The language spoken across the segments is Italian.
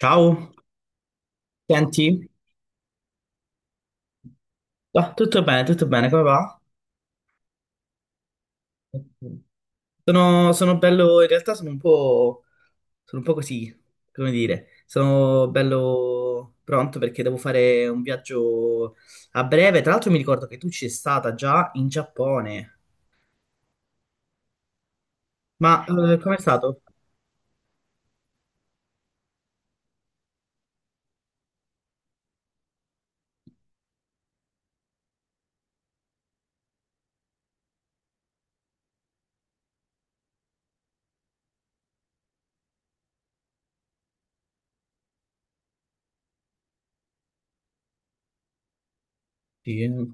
Ciao, senti? Tutto bene, tutto bene, come va? Sono bello, in realtà sono sono un po' così, come dire, sono bello pronto perché devo fare un viaggio a breve. Tra l'altro mi ricordo che tu ci sei stata già in Giappone, ma com'è stato? Sì.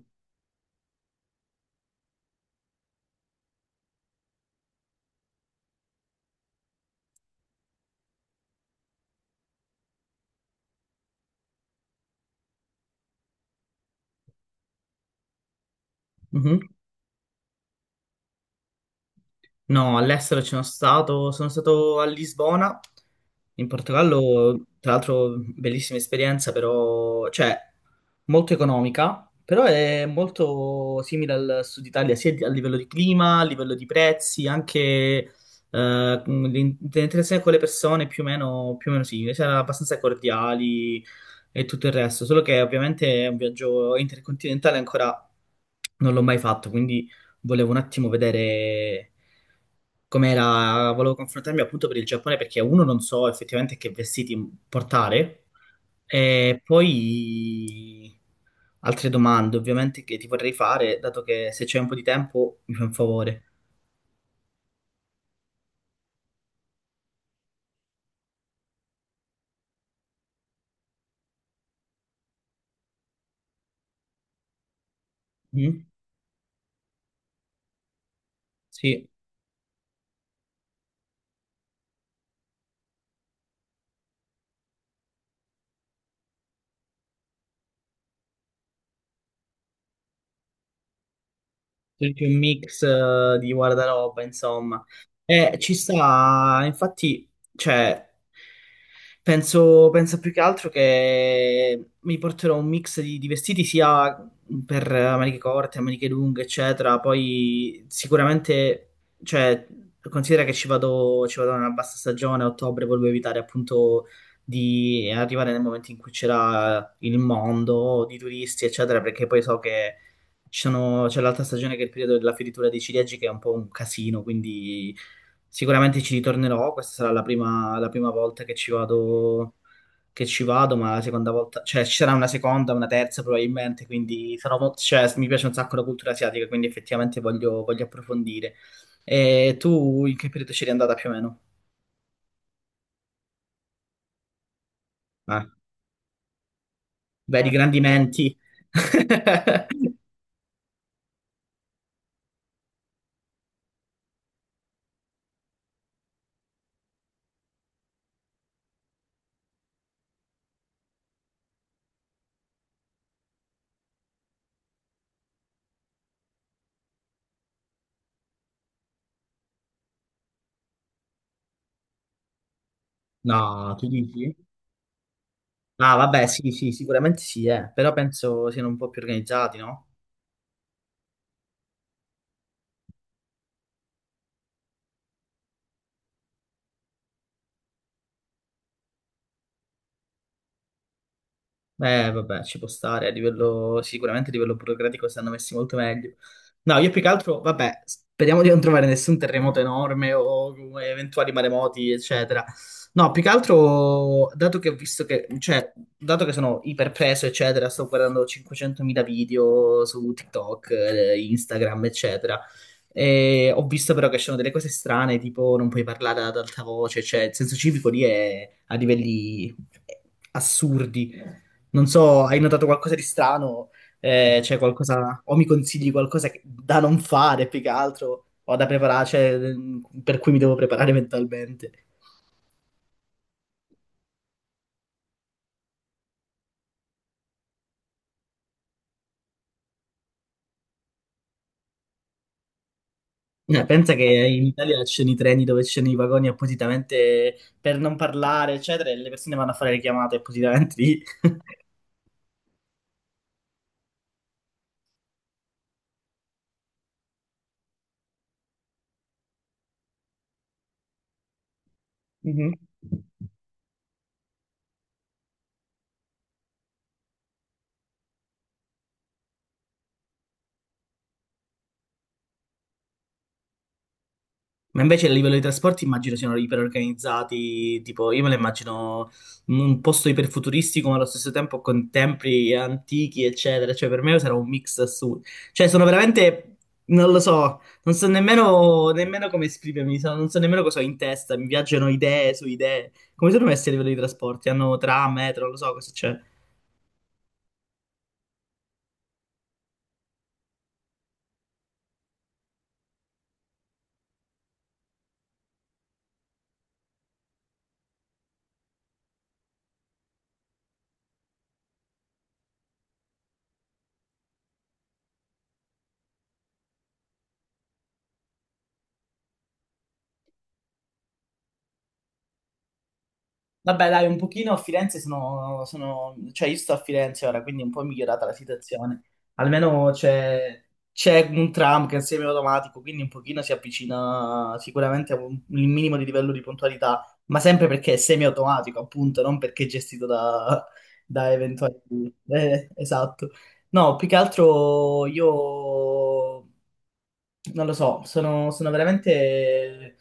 Mhm. No, all'estero ci sono stato a Lisbona, in Portogallo, tra l'altro bellissima esperienza, però, cioè, molto economica, però è molto simile al sud Italia, a livello di clima, a livello di prezzi, anche l'interazione con le persone più o meno simile, cioè, abbastanza cordiali e tutto il resto, solo che ovviamente è un viaggio intercontinentale ancora non l'ho mai fatto, quindi volevo un attimo vedere com'era, volevo confrontarmi appunto per il Giappone perché uno non so effettivamente che vestiti portare e poi altre domande ovviamente che ti vorrei fare, dato che se c'è un po' di tempo mi fai un favore. Mm? Sì. Tutti un mix di guardaroba, insomma. Ci sta, infatti, cioè, penso più che altro che mi porterò un mix di vestiti sia per maniche corte, maniche lunghe, eccetera. Poi sicuramente, cioè, considera che ci vado nella bassa stagione, a ottobre, volevo evitare appunto di arrivare nel momento in cui c'era il mondo di turisti, eccetera, perché poi so che c'è l'altra stagione che è il periodo della fioritura dei ciliegi, che è un po' un casino, quindi sicuramente ci ritornerò. Questa sarà la prima volta che ci vado, ma la seconda volta, cioè ci sarà una seconda, una terza probabilmente, quindi sarò molto, cioè, mi piace un sacco la cultura asiatica, quindi effettivamente voglio approfondire. E tu in che periodo c'eri andata più o meno? Eh, vedi, eh, grandi menti. No, tu dici? Ah, vabbè, sì, sì, sicuramente sì, eh. Però penso siano un po' più organizzati, no? Vabbè, ci può stare, a livello, sicuramente a livello burocratico stanno messi molto meglio. No, io più che altro, vabbè, speriamo di non trovare nessun terremoto enorme o come eventuali maremoti, eccetera. No, più che altro, dato che ho visto che, cioè, dato che sono iperpreso, eccetera, sto guardando 500.000 video su TikTok, Instagram, eccetera. E ho visto però che ci sono delle cose strane, tipo non puoi parlare ad alta voce, cioè il senso civico lì è a livelli eh, assurdi. Non so, hai notato qualcosa di strano? C'è qualcosa, o mi consigli qualcosa da non fare più che altro, o da preparare, cioè, mm, per cui mi devo preparare mentalmente. Pensa che in Italia ci sono i treni dove ci sono i vagoni appositamente per non parlare, eccetera, e le persone vanno a fare le chiamate appositamente lì. Mhm. Ma invece a livello di trasporti immagino siano iperorganizzati, tipo io me lo immagino un posto iperfuturistico ma allo stesso tempo con templi antichi eccetera, cioè per me sarà un mix assurdo, cioè sono veramente, non lo so, non so nemmeno, nemmeno come esprimermi, non so nemmeno cosa ho in testa, mi viaggiano idee su idee, come sono messi a livello di trasporti, hanno tram, metro, non lo so cosa c'è. Vabbè, dai, un pochino a Firenze cioè io sto a Firenze ora, quindi è un po' migliorata la situazione. Almeno c'è un tram che è semiautomatico, quindi un pochino si avvicina sicuramente a un, il minimo di livello di puntualità, ma sempre perché è semiautomatico, appunto, non perché è gestito da, da eventuali... esatto. No, più che altro io non lo so, sono veramente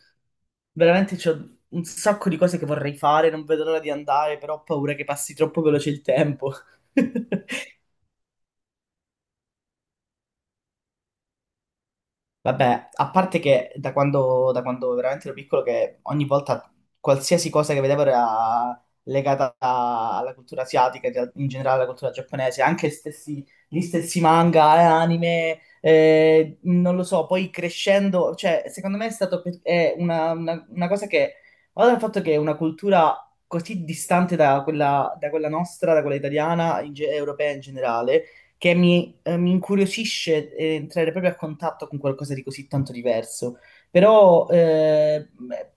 veramente c'ho un sacco di cose che vorrei fare, non vedo l'ora di andare, però ho paura che passi troppo veloce il tempo. Vabbè, a parte che da quando veramente ero piccolo, che ogni volta qualsiasi cosa che vedevo era legata alla cultura asiatica, in generale alla cultura giapponese, gli stessi manga, anime, non lo so, poi crescendo, cioè, secondo me è stato è una cosa che, guarda il fatto che è una cultura così distante da quella nostra, da quella italiana, europea in generale che mi, mi incuriosisce entrare proprio a contatto con qualcosa di così tanto diverso. Però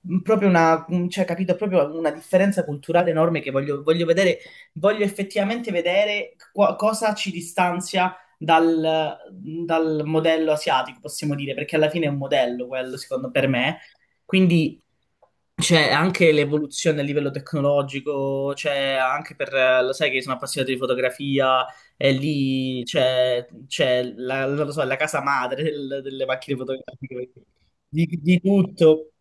proprio una, cioè, capito, proprio una differenza culturale enorme che voglio vedere, voglio effettivamente vedere cosa ci distanzia dal, dal modello asiatico, possiamo dire, perché alla fine è un modello quello, secondo per me. Quindi c'è anche l'evoluzione a livello tecnologico, c'è anche per, lo sai che sono appassionato di fotografia, e lì c'è la, non lo so, la casa madre delle macchine fotografiche, di, di tutto,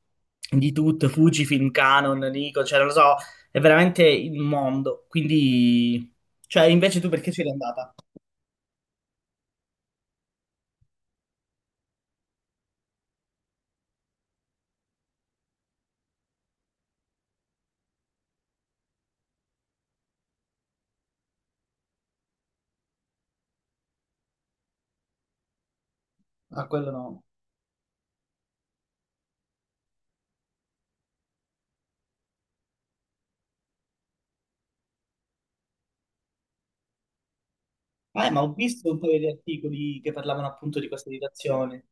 di tutto, Fujifilm, Canon, Nikon, cioè non lo so, è veramente il mondo. Quindi, cioè invece tu perché sei andata? A quello no. Ma ho visto un paio di articoli che parlavano appunto di questa situazione.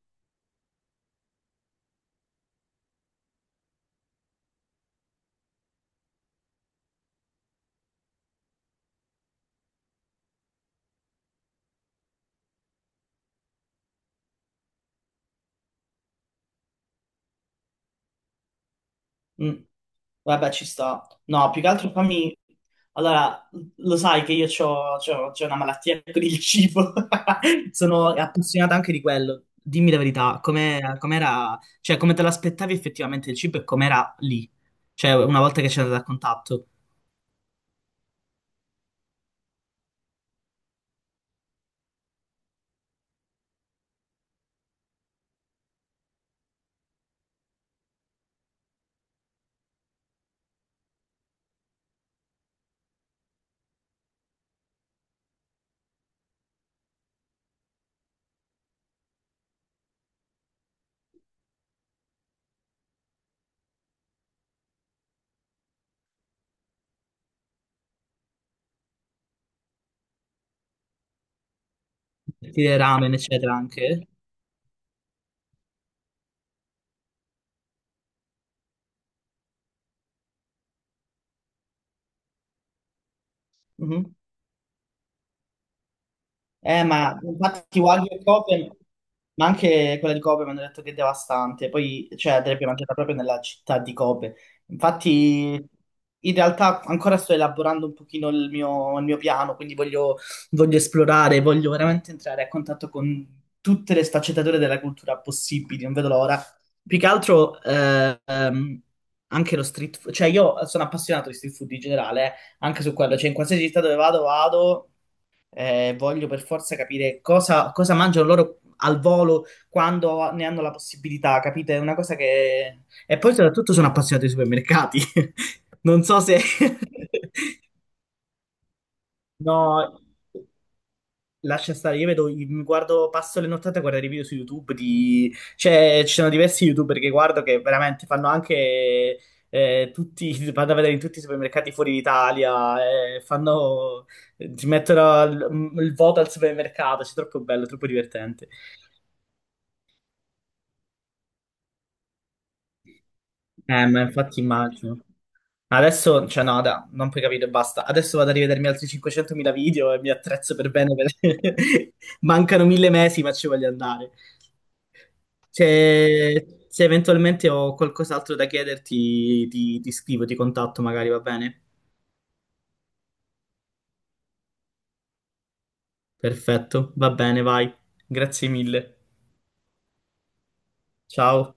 Mm. Vabbè, ci sta. No, più che altro fammi... Allora, lo sai che io c'ho una malattia con il cibo. Sono appassionata anche di quello. Dimmi la verità, com'era... Cioè, come te l'aspettavi effettivamente il cibo e com'era lì? Cioè, una volta che c'è andato a contatto. Ti dei ramen, eccetera, anche. Ma infatti Wagyu e Kobe, ma anche quella di Kobe mi hanno detto che è devastante, poi cioè, andrebbe mangiata proprio nella città di Kobe. Infatti, in realtà ancora sto elaborando un pochino il mio piano, quindi voglio esplorare, voglio veramente entrare a contatto con tutte le sfaccettature della cultura possibili, non vedo l'ora. Più che altro anche lo street food, cioè io sono appassionato di street food in generale, anche su quello, cioè in qualsiasi città dove vado. Voglio per forza capire cosa mangiano loro al volo quando ne hanno la possibilità, capite? È una cosa che... E poi soprattutto sono appassionato ai supermercati. Non so se... No. Lascia stare, io vedo, mi guardo, passo le nottate a guardare i video su YouTube di... Cioè, ci sono diversi YouTuber che guardo che veramente fanno anche tutti, vanno a vedere in tutti i supermercati fuori d'Italia, fanno, ti mettono il voto al supermercato, cioè, è troppo bello, troppo divertente. Ma infatti immagino. Adesso, cioè no, da, non puoi capire, basta. Adesso vado a rivedermi altri 500.000 video e mi attrezzo per bene. Mancano mille mesi, ma ci voglio andare. Se eventualmente ho qualcos'altro da chiederti, ti scrivo, ti contatto magari, va bene? Perfetto, va bene, vai. Grazie mille. Ciao.